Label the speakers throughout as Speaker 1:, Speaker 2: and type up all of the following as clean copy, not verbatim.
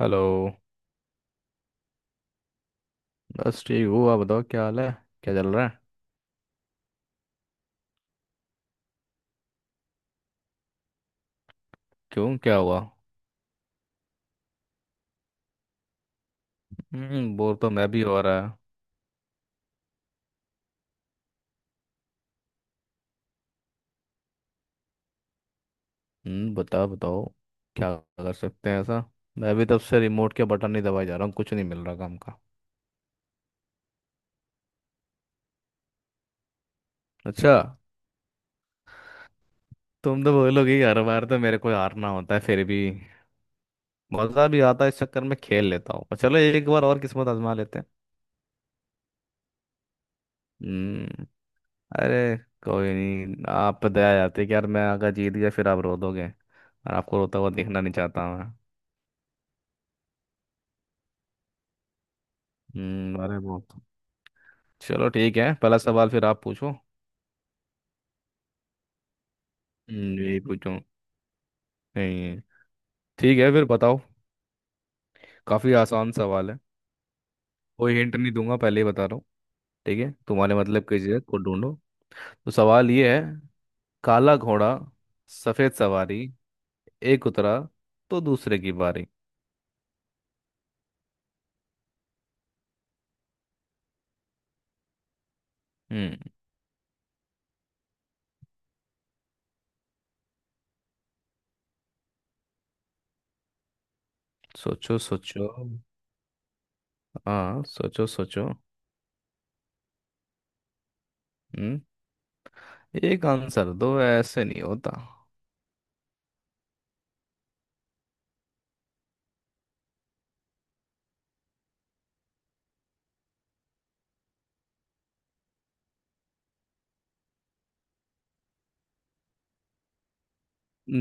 Speaker 1: Hello. बस ठीक हूँ, आप बताओ क्या हाल है? क्या चल रहा है? क्यों, क्या हुआ? हम्म, बोर तो मैं भी हो रहा है। हम्म, बताओ बताओ, क्या कर सकते हैं ऐसा। मैं भी तब से रिमोट के बटन नहीं दबाए जा रहा हूँ, कुछ नहीं मिल रहा काम का। अच्छा। तुम तो बोलोगे कि हर बार तो मेरे को हारना होता है, फिर भी मज़ा भी आता है इस चक्कर में, खेल लेता हूँ। चलो, एक बार और किस्मत आजमा लेते हैं। हम्म। अरे, कोई नहीं, आप पे दया जाती है कि यार मैं अगर जीत गया फिर आप रो दोगे, और आपको रोता हुआ देखना नहीं चाहता मैं। हम्म, अरे बहुत। चलो ठीक है, पहला सवाल फिर आप पूछो। यही पूछो। नहीं। ठीक है फिर, बताओ। काफी आसान सवाल है। कोई हिंट नहीं दूंगा, पहले ही बता रहा हूँ। ठीक है, तुम्हारे मतलब की चीज़ है, खुद ढूंढो। तो सवाल ये है। काला घोड़ा, सफेद सवारी, एक उतरा तो दूसरे की बारी। हम्म। सोचो सोचो। हाँ, सोचो सोचो। हम्म। एक आंसर दो, ऐसे नहीं होता।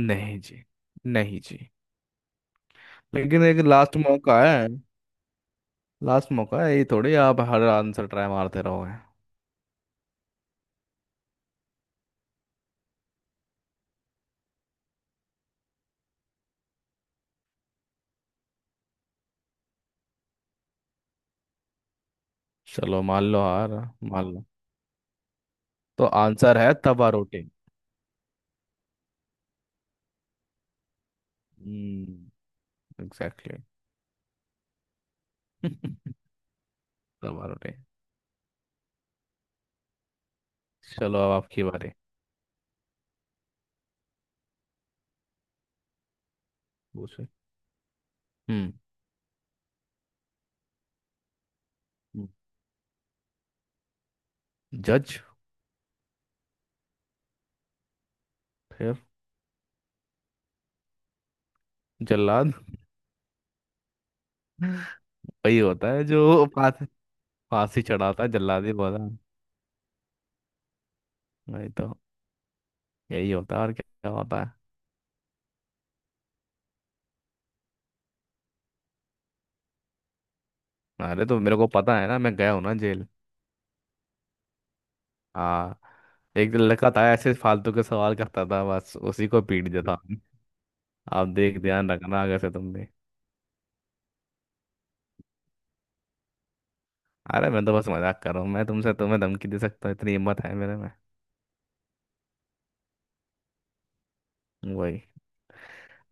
Speaker 1: नहीं जी। नहीं जी। लेकिन एक लास्ट मौका है। लास्ट मौका है, ये थोड़ी आप हर आंसर ट्राई मारते रहोगे। चलो मान लो हार। मान लो। तो आंसर है तवा रोटी। हम्म। एग्जैक्टली। तवा रोटी। चलो, अब आपकी बारी। पूछो। हम्म। हम्म। जज। फिर जल्लाद। वही होता है जो फांसी। फांसी चढ़ाता है जल्लाद ही बोला। वही तो। यही होता है, और क्या होता है। अरे तो मेरे को पता है ना, मैं गया हूँ ना जेल। हाँ। एक लड़का था ऐसे, फालतू के सवाल करता था, बस उसी को पीट देता। आप देख, ध्यान रखना, अगर से तुम भी। अरे मैं तो बस मजाक कर रहा हूँ, मैं तुमसे तुम्हें धमकी दे सकता हूँ, इतनी हिम्मत है मेरे में। वही।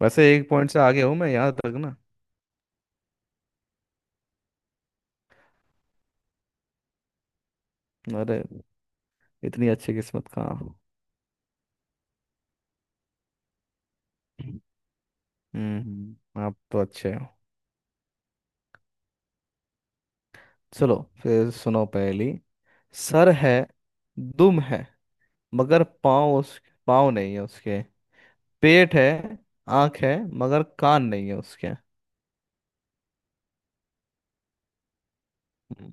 Speaker 1: वैसे एक पॉइंट से आगे हूँ मैं, याद रखना। अरे, इतनी अच्छी किस्मत कहाँ हो। हम्म। आप तो अच्छे हो। चलो, फिर सुनो पहली। सर है, दुम है, मगर पाँव उस, पाँव नहीं है उसके, पेट है, आँख है मगर कान नहीं है उसके। हम्म।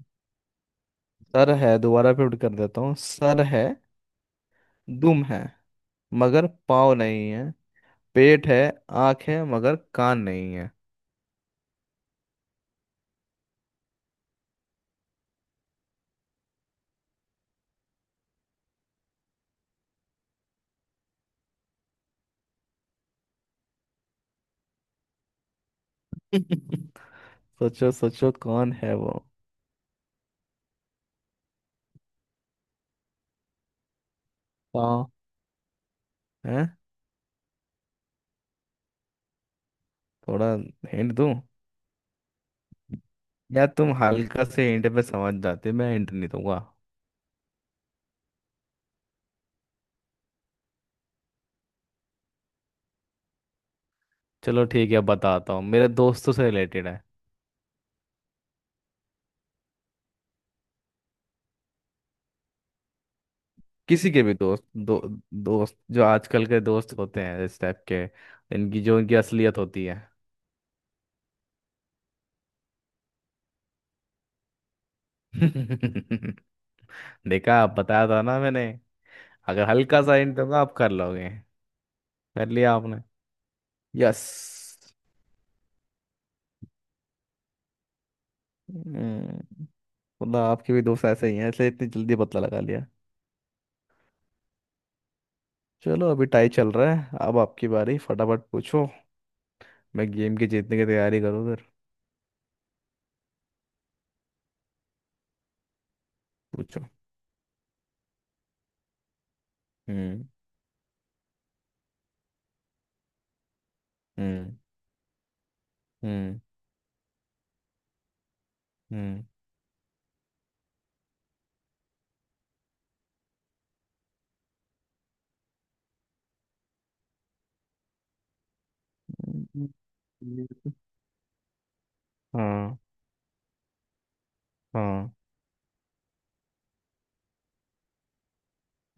Speaker 1: सर है, दोबारा रिपीट कर देता हूँ। सर है, दुम है, मगर पाँव नहीं है, पेट है, आंख है मगर कान नहीं है। सोचो सोचो, कौन है वो। हाँ, है। थोड़ा हिंट दूं या तुम हल्का से हिंट पे समझ जाते? मैं हिंट नहीं दूंगा। चलो ठीक है, बताता हूँ, मेरे दोस्तों से रिलेटेड है। किसी के भी दोस्त दो। दोस्त जो आजकल के दोस्त होते हैं इस टाइप के, इनकी जो इनकी असलियत होती है। देखा, आप बताया था ना मैंने। अगर हल्का सा हिंट दूंगा आप कर लोगे। कर लिया आपने। यस। मतलब आपके भी दोस्त ऐसे ही हैं, इसलिए इतनी जल्दी बदला लगा लिया। चलो, अभी टाई चल रहा है, अब आपकी बारी, फटाफट पूछो। मैं गेम की जीतने की तैयारी करूँ उधर। पूछो। हम्म। हम्म। हम्म। हम्म। हम्म, ये तो-। हाँ। हाँ।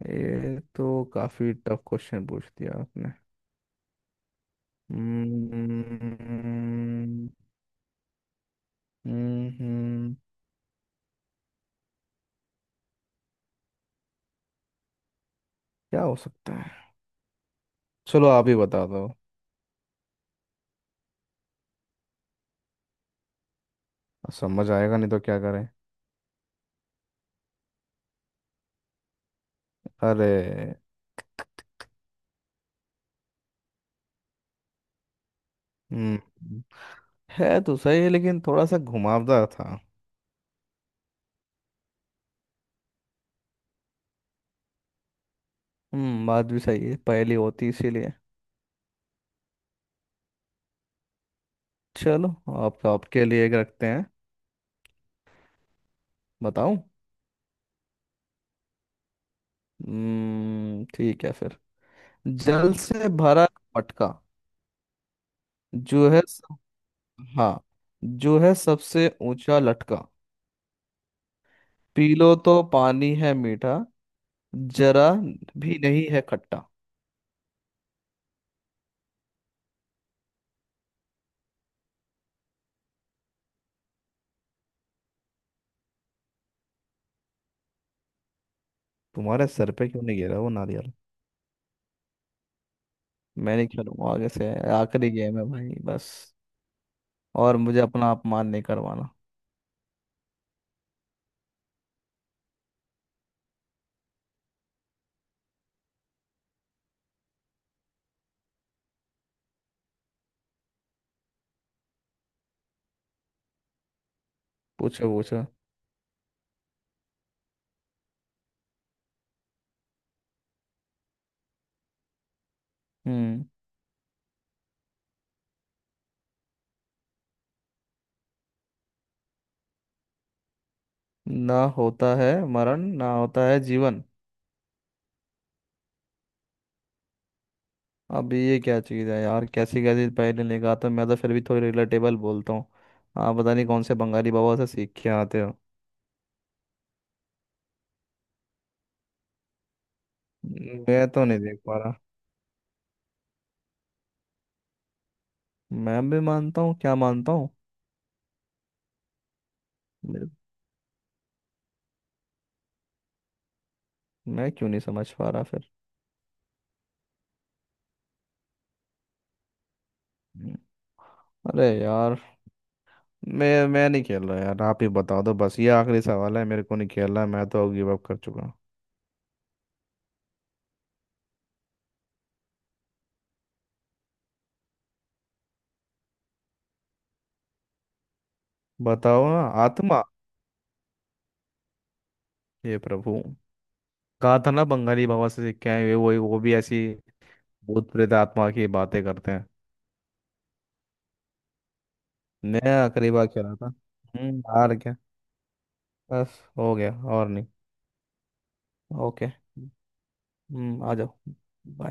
Speaker 1: ये तो काफी टफ क्वेश्चन पूछ दिया आपने। हम्म। हम्म। क्या हो सकता है। चलो आप ही बता दो। समझ आएगा नहीं तो क्या करें। अरे। हम्म, है तो सही है लेकिन थोड़ा सा घुमावदार था। हम्म, बात भी सही है, पहेली होती इसीलिए। चलो, आपका आपके लिए एक रखते हैं। बताऊं। ठीक है फिर। जल से भरा मटका, जो है सब, हाँ, जो है सबसे ऊंचा लटका, पी लो तो पानी है मीठा, जरा भी नहीं है खट्टा। तुम्हारे सर पे क्यों नहीं गिरा वो नारियल? मैं नहीं खेलूंगा आगे से, आखिरी गेम है भाई बस। और मुझे अपना अपमान नहीं करवाना। पूछो पूछो। हम्म। ना होता है मरण, ना होता है जीवन। अब ये क्या चीज़ है यार, कैसी कैसी पहले लेके आता हूँ मैं, तो फिर भी थोड़ी रिलेटेबल बोलता हूँ। आप पता नहीं कौन से बंगाली बाबा से सीख के आते हो। मैं तो नहीं देख पा रहा। मैं भी मानता हूँ, क्या मानता हूँ? मैं मैं क्यों नहीं समझ पा रहा फिर हम्म, अरे यार मैं नहीं खेल रहा यार, आप ही बता दो, बस ये आखिरी सवाल है, मेरे को नहीं खेल रहा, मैं तो गिव अप कर चुका हूँ। बताओ ना। आत्मा। हे प्रभु, कहा था ना, बंगाली बाबा से सीख के आए हुए, वो भी ऐसी भूत प्रेत आत्मा की बातें करते हैं। नया करीबा खेला था। हम्म, हार गया। बस, हो गया, और नहीं। ओके। हम्म, आ जाओ।